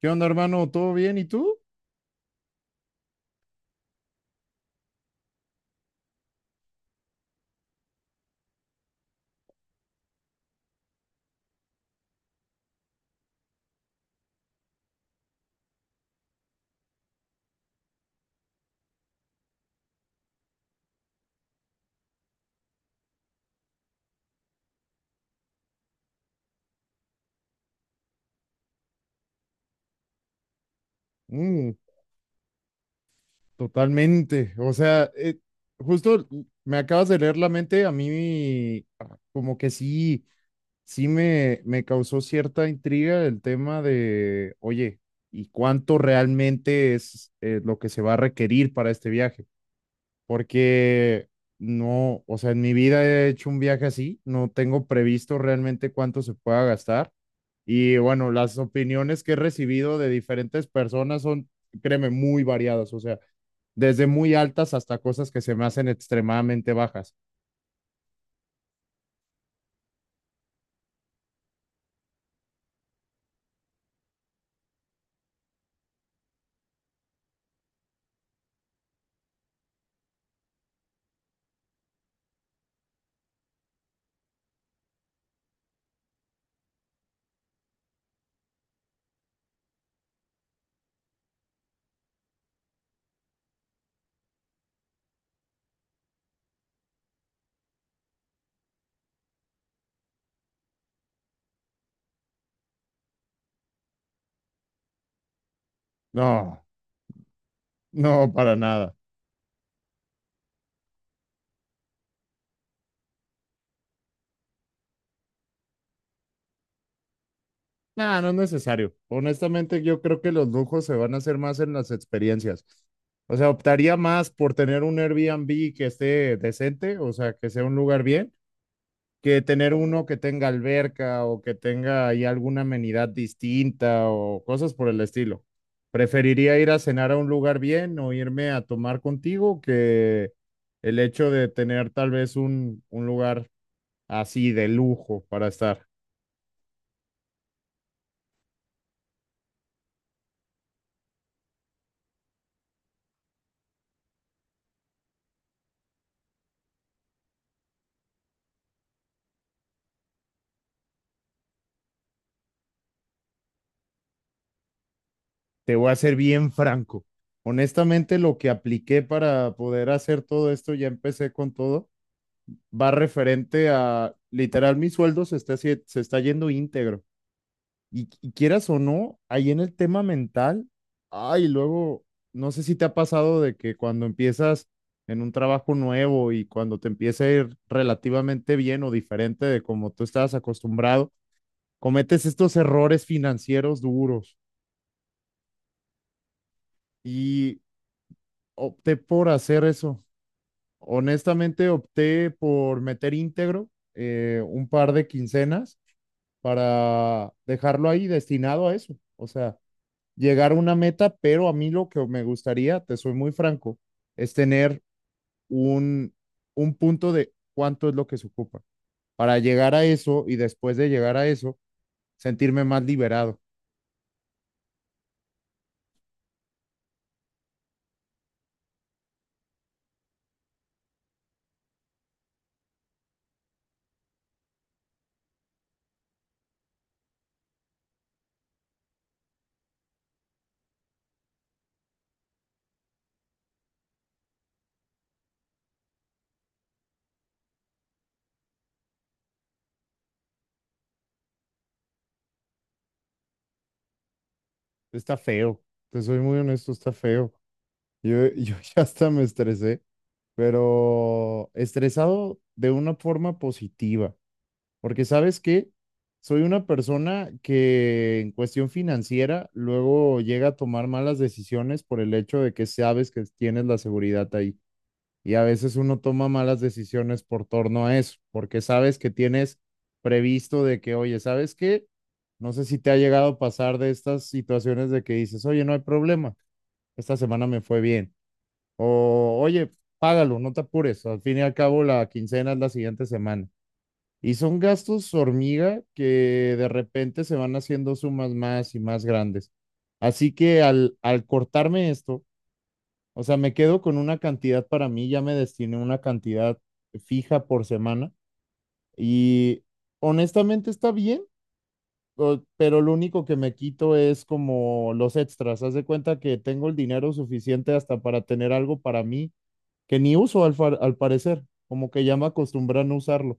¿Qué onda, hermano? ¿Todo bien? ¿Y tú? Mm, totalmente. O sea, justo me acabas de leer la mente. A mí como que sí, sí me causó cierta intriga el tema de, oye, ¿y cuánto realmente es lo que se va a requerir para este viaje? Porque no, o sea, en mi vida he hecho un viaje así, no tengo previsto realmente cuánto se pueda gastar. Y bueno, las opiniones que he recibido de diferentes personas son, créeme, muy variadas, o sea, desde muy altas hasta cosas que se me hacen extremadamente bajas. No, no, para nada. No, no es necesario. Honestamente, yo creo que los lujos se van a hacer más en las experiencias. O sea, optaría más por tener un Airbnb que esté decente, o sea, que sea un lugar bien que tener uno que tenga alberca o que tenga ahí alguna amenidad distinta o cosas por el estilo. Preferiría ir a cenar a un lugar bien o irme a tomar contigo que el hecho de tener tal vez un lugar así de lujo para estar. Te voy a ser bien franco. Honestamente, lo que apliqué para poder hacer todo esto, ya empecé con todo, va referente a literal mi sueldo se está yendo íntegro. Y quieras o no, ahí en el tema mental, ay, luego, no sé si te ha pasado de que cuando empiezas en un trabajo nuevo y cuando te empieza a ir relativamente bien o diferente de como tú estabas acostumbrado, cometes estos errores financieros duros y opté por hacer eso. Honestamente, opté por meter íntegro un par de quincenas para dejarlo ahí destinado a eso. O sea, llegar a una meta, pero a mí lo que me gustaría, te soy muy franco, es tener un, un punto de cuánto es lo que se ocupa para llegar a eso y después de llegar a eso, sentirme más liberado. Está feo, te soy muy honesto, está feo. Yo ya hasta me estresé, pero estresado de una forma positiva. Porque sabes que soy una persona que en cuestión financiera luego llega a tomar malas decisiones por el hecho de que sabes que tienes la seguridad ahí. Y a veces uno toma malas decisiones por torno a eso, porque sabes que tienes previsto de que, oye, ¿sabes qué? No sé si te ha llegado a pasar de estas situaciones de que dices, oye, no hay problema, esta semana me fue bien. O, oye, págalo, no te apures, al fin y al cabo la quincena es la siguiente semana. Y son gastos hormiga que de repente se van haciendo sumas más y más grandes. Así que al cortarme esto, o sea, me quedo con una cantidad para mí, ya me destiné una cantidad fija por semana y honestamente está bien, pero lo único que me quito es como los extras. Haz de cuenta que tengo el dinero suficiente hasta para tener algo para mí que ni uso al parecer, como que ya me acostumbré a no usarlo.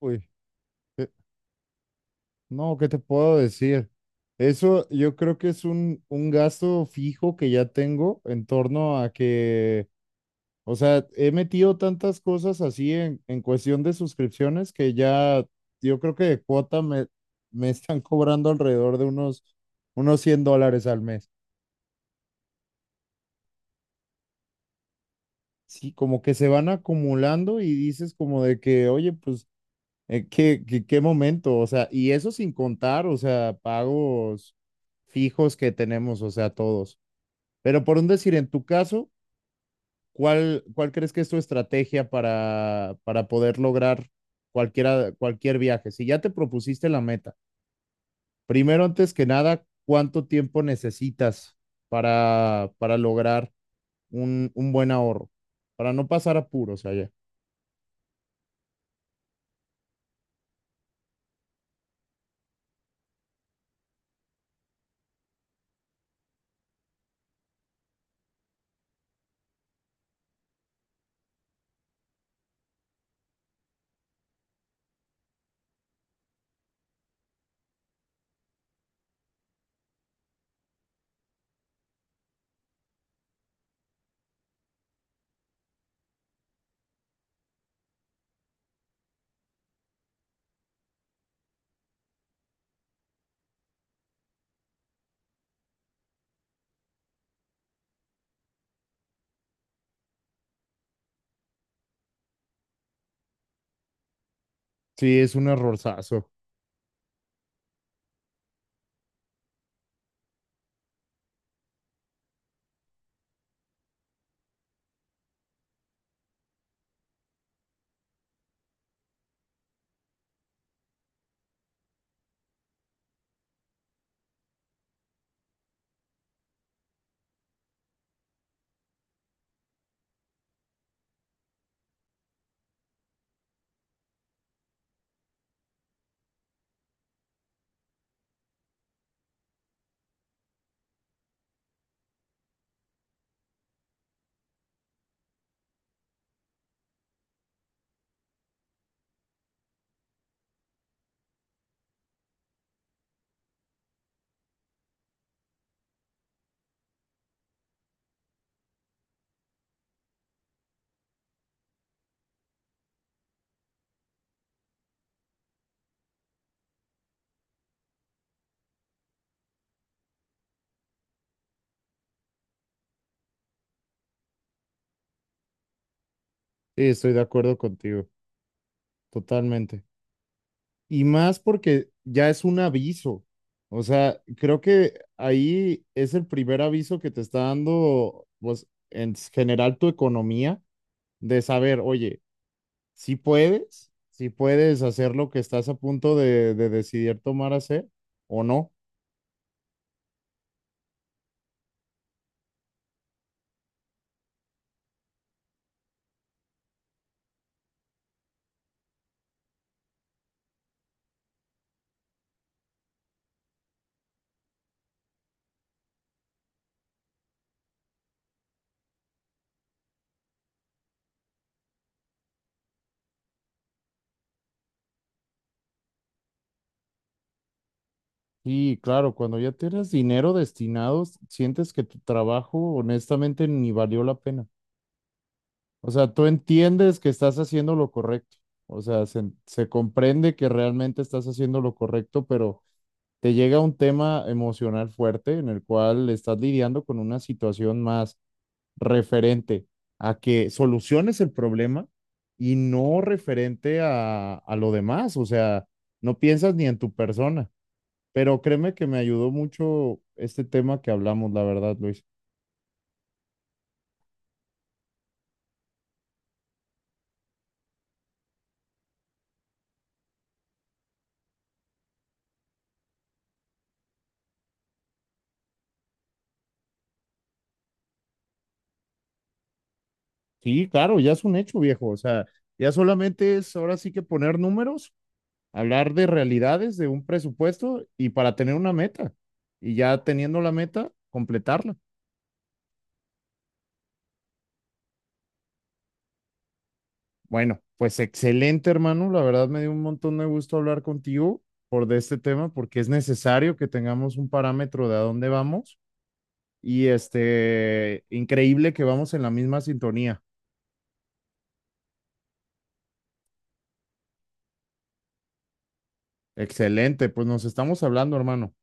Uy. No, ¿qué te puedo decir? Eso yo creo que es un gasto fijo que ya tengo en torno a que, o sea, he metido tantas cosas así en cuestión de suscripciones que ya yo creo que de cuota me están cobrando alrededor de unos $100 al mes. Sí, como que se van acumulando y dices como de que, oye, pues, ¿ qué momento? O sea, y eso sin contar, o sea, pagos fijos que tenemos, o sea, todos. Pero por un decir, en tu caso, ¿Cuál crees que es tu estrategia para poder lograr cualquier viaje? Si ya te propusiste la meta, primero, antes que nada, ¿cuánto tiempo necesitas para lograr un buen ahorro? Para no pasar apuros allá. Sí, es un errorzazo. Sí, estoy de acuerdo contigo, totalmente. Y más porque ya es un aviso. O sea, creo que ahí es el primer aviso que te está dando, pues, en general tu economía, de saber, oye, si puedes hacer lo que estás a punto de decidir tomar hacer o no. Y claro, cuando ya tienes dinero destinado, sientes que tu trabajo honestamente ni valió la pena. O sea, tú entiendes que estás haciendo lo correcto. O sea, se comprende que realmente estás haciendo lo correcto, pero te llega un tema emocional fuerte en el cual estás lidiando con una situación más referente a que soluciones el problema y no referente a lo demás. O sea, no piensas ni en tu persona. Pero créeme que me ayudó mucho este tema que hablamos, la verdad, Luis. Sí, claro, ya es un hecho, viejo. O sea, ya solamente es ahora sí que poner números, hablar de realidades, de un presupuesto y para tener una meta. Y ya teniendo la meta, completarla. Bueno, pues excelente, hermano. La verdad me dio un montón de gusto hablar contigo por de este tema porque es necesario que tengamos un parámetro de a dónde vamos. Y este, increíble que vamos en la misma sintonía. Excelente, pues nos estamos hablando, hermano.